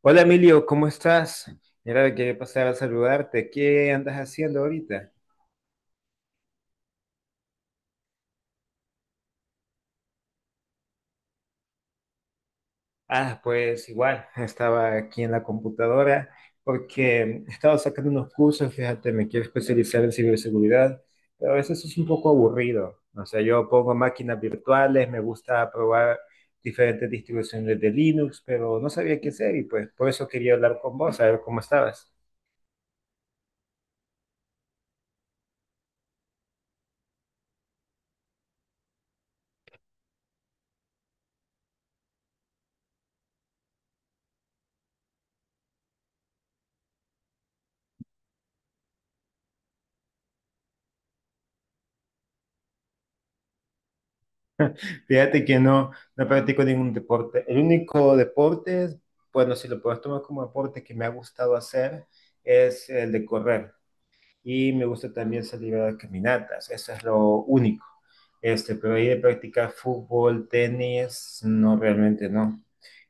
Hola Emilio, ¿cómo estás? Mira, quería pasar a saludarte. ¿Qué andas haciendo ahorita? Ah, pues igual, estaba aquí en la computadora porque estaba sacando unos cursos, fíjate, me quiero especializar en ciberseguridad, pero a veces es un poco aburrido. O sea, yo pongo máquinas virtuales, me gusta probar diferentes distribuciones de Linux, pero no sabía qué hacer y pues por eso quería hablar con vos, a ver cómo estabas. Fíjate que no, no practico ningún deporte. El único deporte, bueno, si lo puedes tomar como deporte que me ha gustado hacer, es el de correr. Y me gusta también salir a dar caminatas. Eso es lo único. Pero ahí de practicar fútbol, tenis, no, realmente no.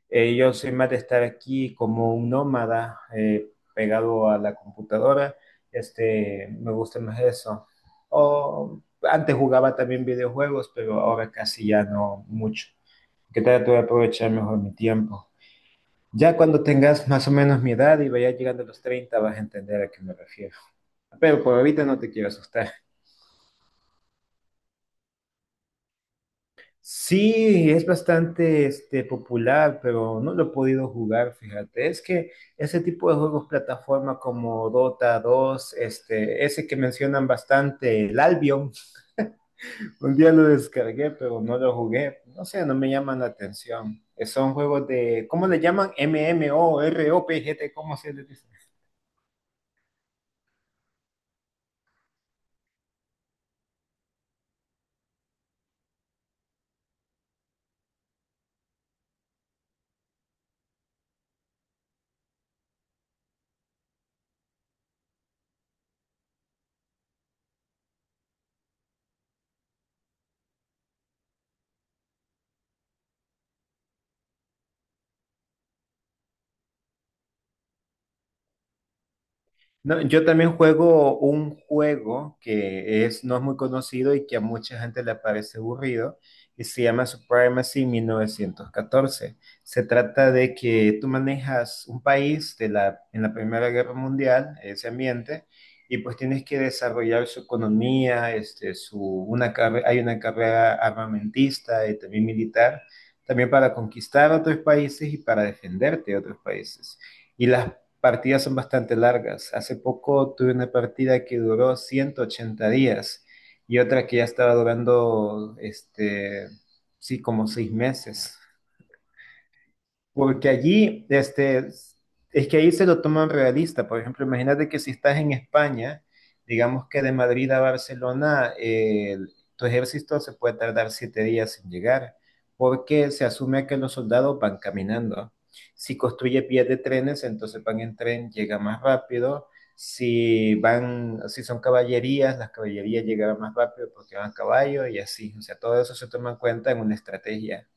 Yo soy más de estar aquí como un nómada pegado a la computadora. Me gusta más eso. O, antes jugaba también videojuegos, pero ahora casi ya no mucho. Que trato de aprovechar mejor mi tiempo. Ya cuando tengas más o menos mi edad y vayas llegando a los 30 vas a entender a qué me refiero. Pero por ahorita no te quiero asustar. Sí, es bastante popular, pero no lo he podido jugar, fíjate. Es que ese tipo de juegos plataforma como Dota dos, ese que mencionan bastante, el Albion, un día lo descargué, pero no lo jugué. No sé, no me llaman la atención. Son juegos de, ¿cómo le llaman? MMORPG, ¿cómo se les dice? No, yo también juego un juego que es, no es muy conocido y que a mucha gente le parece aburrido y se llama Supremacy 1914. Se trata de que tú manejas un país de la, en la Primera Guerra Mundial, ese ambiente, y pues tienes que desarrollar su economía, una hay una carrera armamentista y también militar, también para conquistar otros países y para defenderte de otros países y las partidas son bastante largas. Hace poco tuve una partida que duró 180 días y otra que ya estaba durando, sí, como 6 meses. Porque allí, es que ahí se lo toman realista. Por ejemplo, imagínate que si estás en España, digamos que de Madrid a Barcelona, tu ejército se puede tardar 7 días en llegar, porque se asume que los soldados van caminando. Si construye vías de trenes, entonces van en tren, llega más rápido. Si van, si son caballerías, las caballerías llegarán más rápido porque van a caballo y así. O sea, todo eso se toma en cuenta en una estrategia.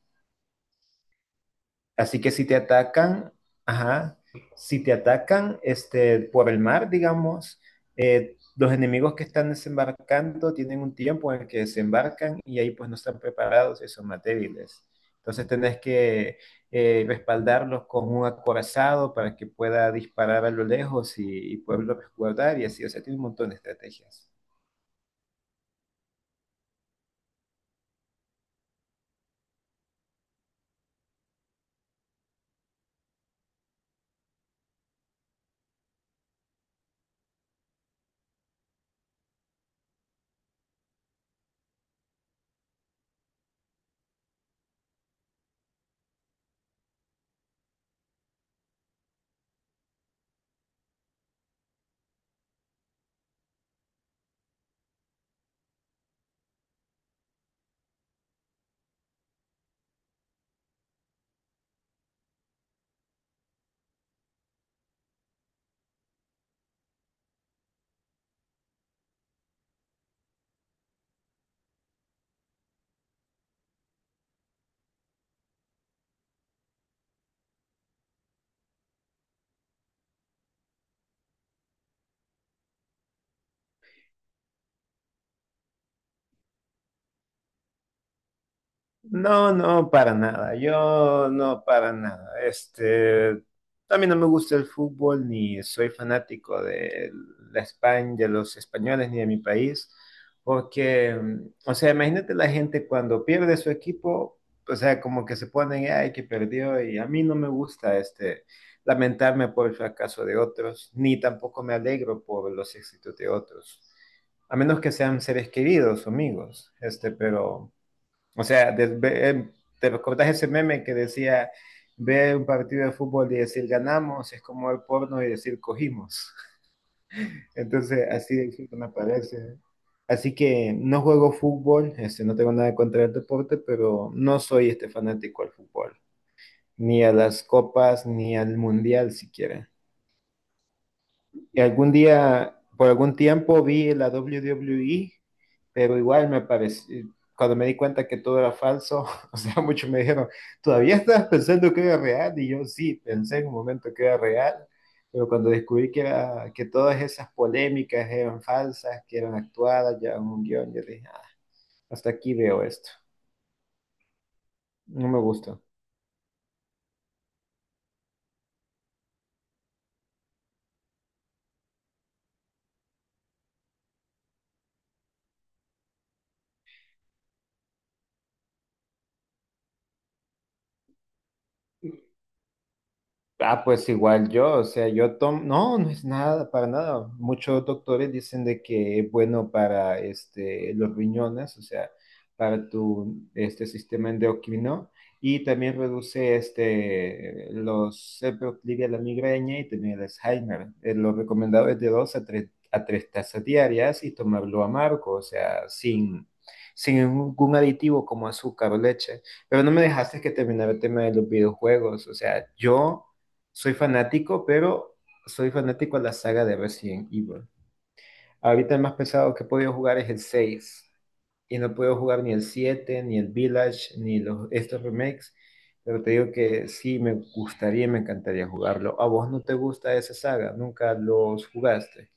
Así que si te atacan, ajá, si te atacan por el mar, digamos, los enemigos que están desembarcando tienen un tiempo en el que desembarcan y ahí pues no están preparados y son más débiles. Entonces tenés que respaldarlos con un acorazado para que pueda disparar a lo lejos y poderlo resguardar y así, o sea, tiene un montón de estrategias. No, no, para nada. Yo no, para nada. También no me gusta el fútbol, ni soy fanático de la España, de los españoles, ni de mi país, porque, o sea, imagínate la gente cuando pierde su equipo, o sea, como que se ponen, ay, que perdió, y a mí no me gusta, lamentarme por el fracaso de otros, ni tampoco me alegro por los éxitos de otros a menos que sean seres queridos o amigos, pero o sea, de, te recordás ese meme que decía ver un partido de fútbol y decir ganamos es como ver porno y decir cogimos. Entonces, así de chico me parece. Así que no juego fútbol, no tengo nada contra el deporte, pero no soy este fanático al fútbol, ni a las copas, ni al mundial siquiera. Y algún día, por algún tiempo vi la WWE, pero igual me pareció, cuando me di cuenta que todo era falso, o sea, muchos me dijeron, ¿todavía estabas pensando que era real? Y yo sí, pensé en un momento que era real, pero cuando descubrí que, era, que todas esas polémicas eran falsas, que eran actuadas, ya en un guión, yo dije, "Ah, hasta aquí veo esto, no me gusta". Ah, pues igual yo, o sea, yo tomo, no, no es nada, para nada. Muchos doctores dicen de que es bueno para los riñones, o sea, para tu sistema endocrino y también reduce se proclive a la migraña y también el Alzheimer. Lo recomendado es de a tres tazas diarias y tomarlo amargo, o sea, sin ningún aditivo como azúcar o leche. Pero no me dejaste que terminara el tema de los videojuegos, o sea, yo... Soy fanático, pero soy fanático a la saga de Resident Evil. Ahorita el más pesado que he podido jugar es el seis. Y no puedo jugar ni el 7, ni el Village, ni los, estos remakes. Pero te digo que sí, me gustaría y me encantaría jugarlo. ¿A vos no te gusta esa saga? ¿Nunca los jugaste?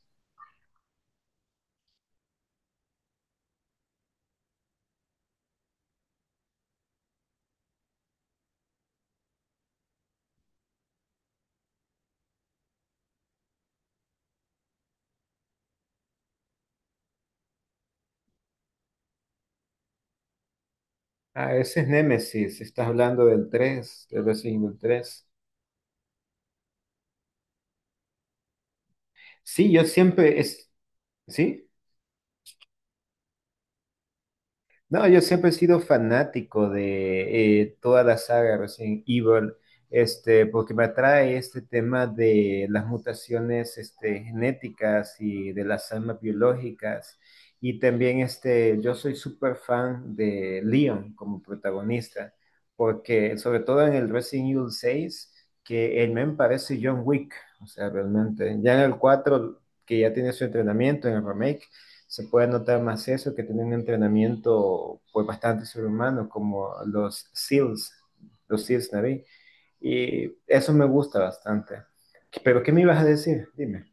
Ah, ese es Nemesis. ¿Estás hablando del tres, del Resident Evil tres? Sí, yo siempre es... ¿Sí? No, yo siempre he sido fanático de toda la saga Resident Evil, porque me atrae este tema de las mutaciones genéticas y de las armas biológicas. Y también yo soy súper fan de Leon como protagonista, porque sobre todo en el Resident Evil 6, que el men parece John Wick, o sea, realmente. Ya en el 4, que ya tiene su entrenamiento en el remake se puede notar más eso que tienen un entrenamiento pues bastante sobrehumano como los SEALs, los SEALs Navy. Y eso me gusta bastante. ¿Pero qué me ibas a decir? Dime.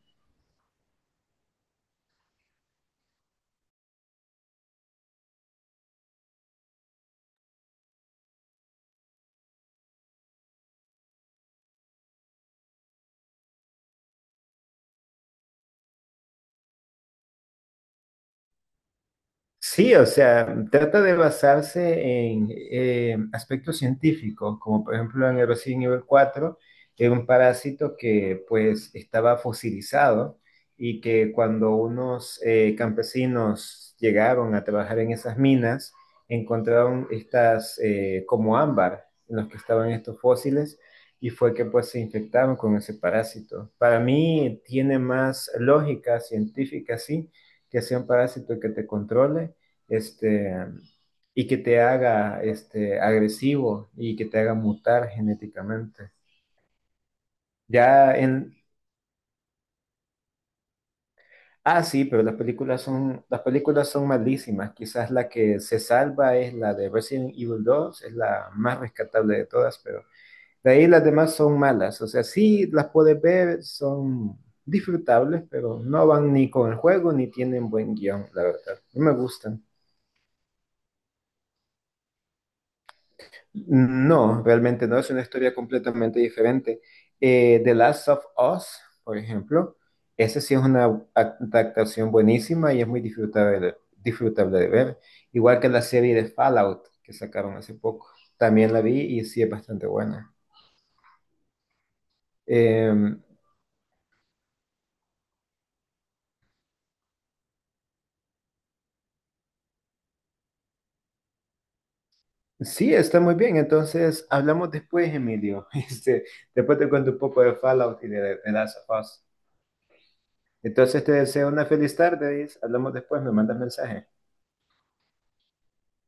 Sí, o sea, trata de basarse en aspectos científicos, como por ejemplo en el Resident nivel 4, era un parásito que pues estaba fosilizado y que cuando unos campesinos llegaron a trabajar en esas minas, encontraron estas como ámbar en los que estaban estos fósiles y fue que pues se infectaron con ese parásito. Para mí tiene más lógica científica, sí que sea un parásito que te controle este, y que te haga agresivo y que te haga mutar genéticamente. Ya en... Ah, sí, pero las películas son malísimas. Quizás la que se salva es la de Resident Evil dos, es la más rescatable de todas, pero de ahí las demás son malas. O sea, sí las puedes ver, son disfrutables, pero no van ni con el juego ni tienen buen guión, la verdad. No me gustan. No, realmente no, es una historia completamente diferente. The Last of Us, por ejemplo, ese sí es una adaptación buenísima y es muy disfrutable, disfrutable de ver. Igual que la serie de Fallout que sacaron hace poco, también la vi y sí es bastante buena. Eh, sí, está muy bien, entonces hablamos después, Emilio. Después te cuento un poco de Fallout y de The Last of Us. Entonces te deseo una feliz tarde y hablamos después, me mandas mensaje.